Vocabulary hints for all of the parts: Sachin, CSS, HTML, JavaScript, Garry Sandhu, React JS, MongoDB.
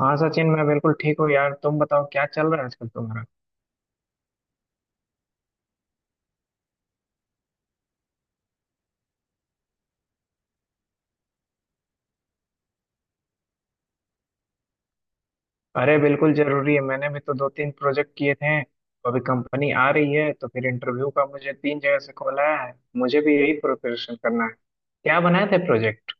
हाँ सचिन, मैं बिल्कुल ठीक हूँ यार। तुम बताओ क्या चल रहा है आजकल तुम्हारा। अरे बिल्कुल जरूरी है। मैंने भी तो दो तीन प्रोजेक्ट किए थे। अभी कंपनी आ रही है तो फिर इंटरव्यू का मुझे तीन जगह से कॉल आया है, मुझे भी यही प्रिपरेशन करना है। क्या बनाए थे प्रोजेक्ट?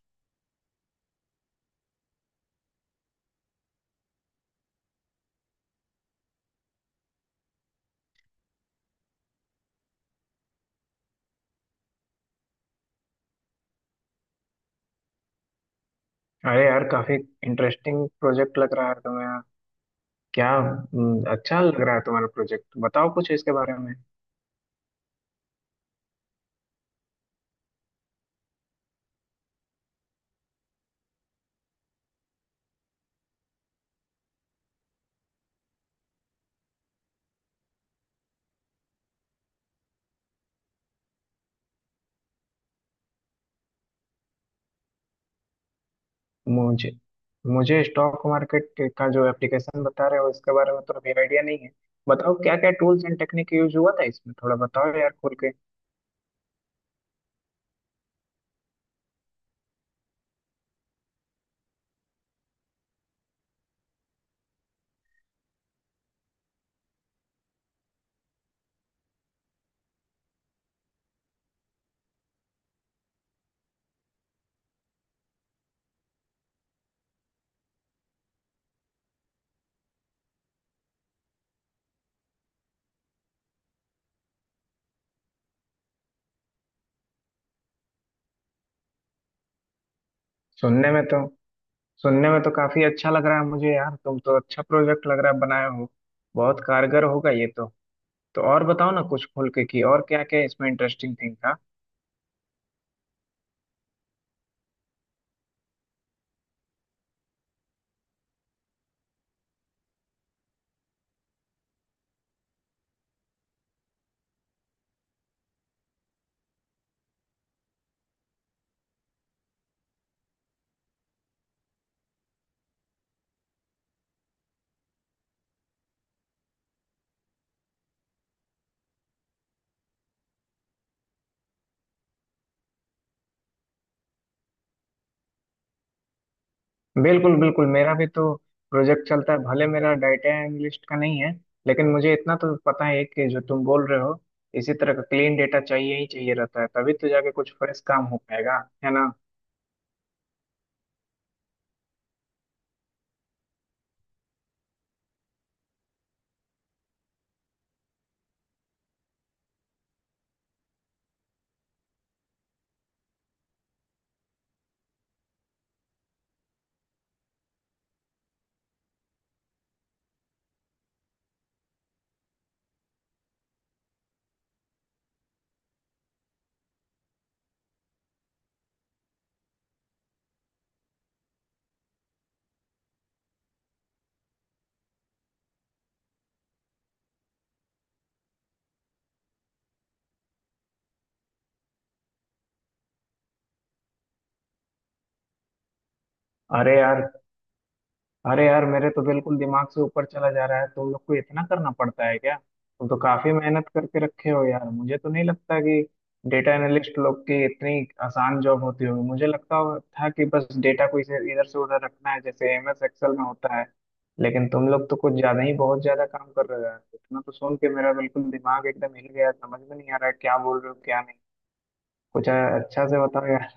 अरे यार, काफी इंटरेस्टिंग प्रोजेक्ट लग रहा है तुम्हें, क्या अच्छा लग रहा है तुम्हारा प्रोजेक्ट। बताओ कुछ इसके बारे में। मुझे मुझे स्टॉक मार्केट का जो एप्लीकेशन बता रहे हो इसके बारे में तो अभी आइडिया नहीं है। बताओ क्या क्या टूल्स एंड टेक्निक यूज हुआ था इसमें, थोड़ा बताओ यार खुल के। सुनने में तो सुनने में तो काफी अच्छा लग रहा है मुझे यार। तुम तो अच्छा प्रोजेक्ट लग रहा है बनाए हो, बहुत कारगर होगा ये तो। तो और बताओ ना कुछ खुल के कि और क्या क्या इसमें इंटरेस्टिंग थिंग। बिल्कुल बिल्कुल, मेरा भी तो प्रोजेक्ट चलता है, भले मेरा डाटा एनालिस्ट का नहीं है। लेकिन मुझे इतना तो पता है कि जो तुम बोल रहे हो, इसी तरह का क्लीन डेटा चाहिए ही चाहिए रहता है, तभी तो जाके कुछ फ्रेश काम हो पाएगा, है ना। अरे यार अरे यार, मेरे तो बिल्कुल दिमाग से ऊपर चला जा रहा है। तुम लोग को इतना करना पड़ता है क्या? तुम तो काफी मेहनत करके रखे हो यार। मुझे तो नहीं लगता कि डेटा एनालिस्ट लोग की इतनी आसान जॉब होती होगी। मुझे था कि बस डेटा को इसे इधर से उधर रखना है जैसे MS Excel में होता है। लेकिन तुम लोग तो कुछ ज्यादा ही बहुत ज्यादा काम कर रहे हो यार। इतना तो सुन के मेरा बिल्कुल दिमाग एकदम हिल गया, समझ में नहीं आ रहा है क्या बोल रहे हो क्या नहीं। कुछ अच्छा से बताओ यार।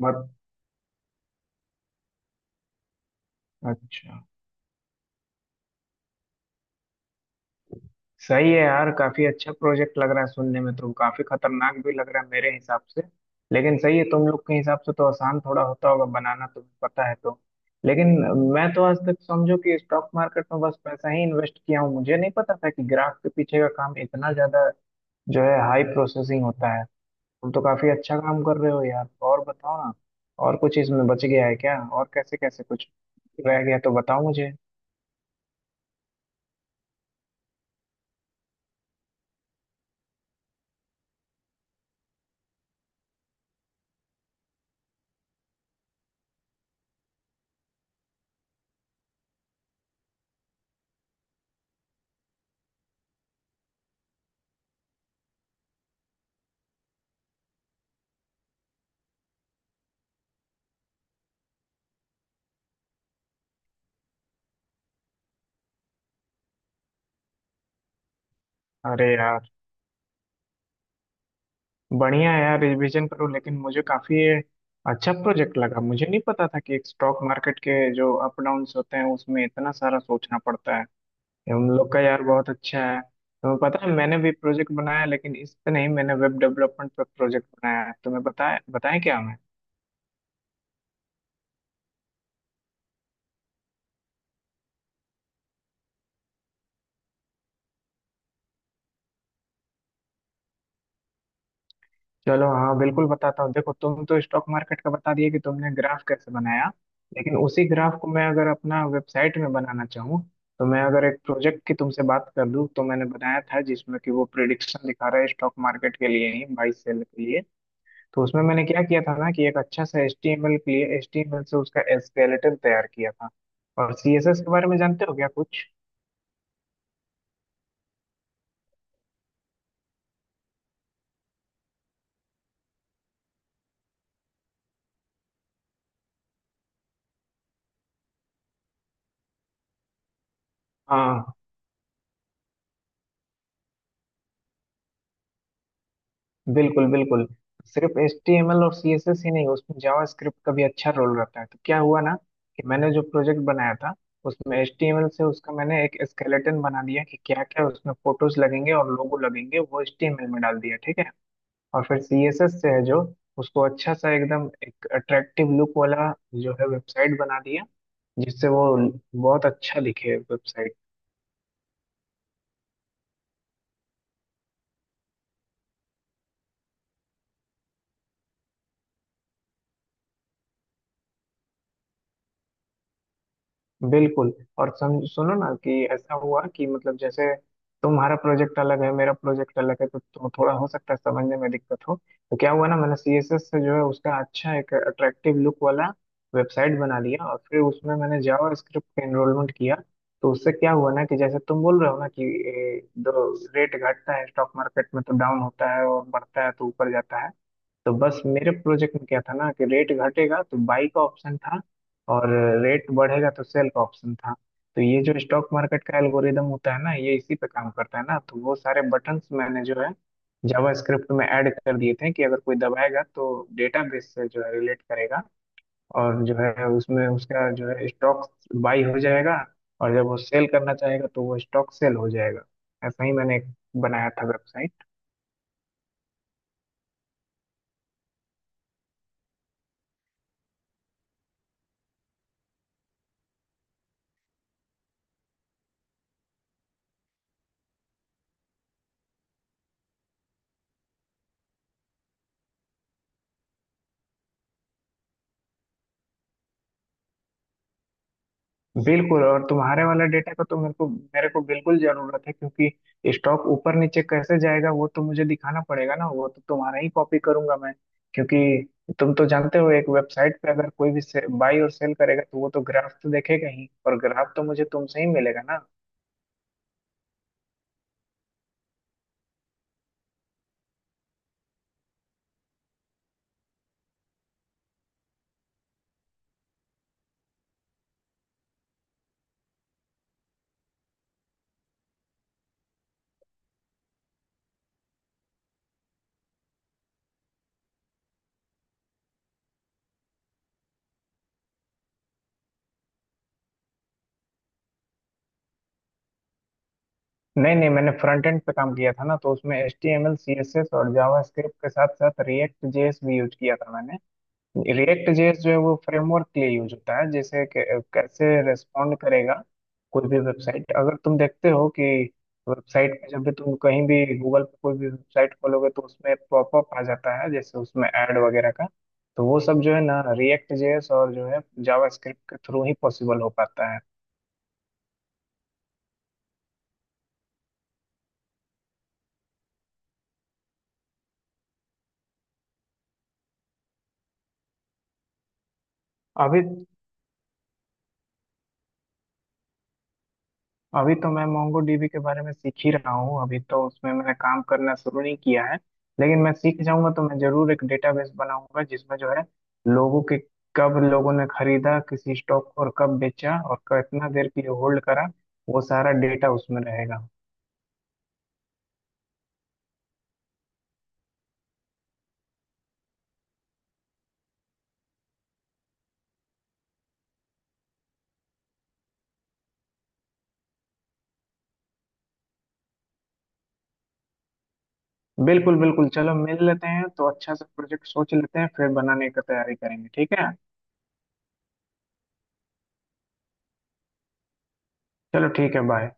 बहुत अच्छा। सही है यार, काफी अच्छा प्रोजेक्ट लग रहा है सुनने में, तो काफी खतरनाक भी लग रहा है मेरे हिसाब से। लेकिन सही है, तुम लोग के हिसाब से तो आसान थोड़ा होता होगा बनाना, तुम्हें पता है तो। लेकिन मैं तो आज तक समझो कि स्टॉक मार्केट में बस पैसा ही इन्वेस्ट किया हूँ, मुझे नहीं पता था कि ग्राफ के पीछे का काम इतना ज्यादा जो है हाई प्रोसेसिंग होता है। तुम तो काफी अच्छा काम कर रहे हो यार। और बताओ ना, और कुछ इसमें बच गया है क्या, और कैसे कैसे कुछ रह गया तो बताओ मुझे। अरे यार, बढ़िया है यार, रिवीजन करो। लेकिन मुझे काफी ये अच्छा प्रोजेक्ट लगा, मुझे नहीं पता था कि एक स्टॉक मार्केट के जो अप डाउन्स होते हैं उसमें इतना सारा सोचना पड़ता है। ये हम लोग का यार बहुत अच्छा है। तुम्हें पता है मैंने भी प्रोजेक्ट बनाया, लेकिन इस पे नहीं, मैंने वेब डेवलपमेंट पे प्रोजेक्ट बनाया है। तुम्हें बताया, बताएं क्या? चलो हाँ, बिल्कुल बताता हूँ। देखो तुम तो स्टॉक मार्केट का बता दिए कि तुमने ग्राफ कैसे बनाया। लेकिन उसी ग्राफ को मैं अगर अपना वेबसाइट में बनाना चाहूँ, तो मैं अगर एक प्रोजेक्ट की तुमसे बात कर लूँ, तो मैंने बनाया था जिसमें कि वो प्रिडिक्शन दिखा रहा है स्टॉक मार्केट के लिए ही, बाई सेल के लिए। तो उसमें मैंने क्या किया था ना कि एक अच्छा सा HTML के लिए, एच टी एम एल से उसका स्केलेटन तैयार किया था। और CSS के बारे में जानते हो क्या कुछ? हाँ बिल्कुल बिल्कुल। सिर्फ एच टी एम एल और सी एस एस ही नहीं, उसमें जावा स्क्रिप्ट का भी अच्छा रोल रहता है। तो क्या हुआ ना कि मैंने जो प्रोजेक्ट बनाया था, उसमें एच टी एम एल से उसका मैंने एक स्केलेटन बना दिया कि क्या क्या उसमें फोटोज लगेंगे और लोगो लगेंगे, वो एच टी एम एल में डाल दिया, ठीक है। और फिर सी एस एस से है जो उसको अच्छा सा एकदम एक अट्रैक्टिव लुक वाला जो है वेबसाइट बना दिया, जिससे वो बहुत अच्छा दिखे वेबसाइट। बिल्कुल। और सम सुनो ना कि ऐसा हुआ कि मतलब जैसे तुम्हारा प्रोजेक्ट अलग है, मेरा प्रोजेक्ट अलग है, तो थोड़ा हो सकता है समझने में दिक्कत हो। तो क्या हुआ ना, मैंने CSS से जो है उसका अच्छा एक अट्रैक्टिव लुक वाला वेबसाइट बना लिया, और फिर उसमें मैंने जावा स्क्रिप्ट का एनरोलमेंट किया। तो उससे क्या हुआ ना कि जैसे तुम बोल रहे हो ना कि दो रेट घटता है स्टॉक मार्केट में तो डाउन होता है, और बढ़ता है तो ऊपर जाता है। तो बस मेरे प्रोजेक्ट में क्या था ना कि रेट घटेगा तो बाई का ऑप्शन था, और रेट बढ़ेगा तो सेल का ऑप्शन था। तो ये जो स्टॉक मार्केट का एल्गोरिदम होता है ना, ये इसी पे काम करता है ना। तो वो सारे बटन्स मैंने जो है जावास्क्रिप्ट में ऐड कर दिए थे कि अगर कोई दबाएगा तो डेटाबेस से जो है रिलेट करेगा, और जो है उसमें उसका जो है स्टॉक बाई हो जाएगा। और जब वो सेल करना चाहेगा तो वो स्टॉक सेल हो जाएगा। ऐसा ही मैंने एक बनाया था। बिल्कुल। और तुम्हारे वाला डेटा का तो मेरे को बिल्कुल जरूरत है, क्योंकि स्टॉक ऊपर नीचे कैसे जाएगा वो तो मुझे दिखाना पड़ेगा ना, वो तो तुम्हारा ही कॉपी करूंगा मैं। क्योंकि तुम तो जानते हो एक वेबसाइट पे अगर कोई भी बाई और सेल करेगा तो वो तो ग्राफ तो देखेगा ही, और ग्राफ तो मुझे तुमसे ही मिलेगा ना। नहीं नहीं, मैंने फ्रंट एंड पे काम किया था ना, तो उसमें H T M L C S S और जावा स्क्रिप्ट के साथ साथ रिएक्ट JS भी यूज किया था मैंने। रिएक्ट जेएस जो है वो फ्रेमवर्क के लिए यूज होता है, जैसे कैसे रेस्पॉन्ड करेगा कोई भी वेबसाइट। अगर तुम देखते हो कि वेबसाइट पे जब भी तुम कहीं भी गूगल पे कोई भी वेबसाइट खोलोगे तो उसमें पॉपअप आ जाता है जैसे उसमें ऐड वगैरह का, तो वो सब जो है ना रिएक्ट जेएस और जो है जावास्क्रिप्ट के थ्रू ही पॉसिबल हो पाता है। अभी अभी तो मैं मोंगोडीबी के बारे में सीख ही रहा हूँ, अभी तो उसमें मैंने काम करना शुरू नहीं किया है। लेकिन मैं सीख जाऊंगा तो मैं जरूर एक डेटाबेस बनाऊंगा जिसमें जो है लोगों के, कब लोगों ने खरीदा किसी स्टॉक को और कब बेचा और कितना देर के लिए होल्ड करा, वो सारा डेटा उसमें रहेगा। बिल्कुल बिल्कुल, चलो मिल लेते हैं तो अच्छा सा प्रोजेक्ट सोच लेते हैं, फिर बनाने की तैयारी करेंगे, ठीक है। चलो ठीक है, बाय।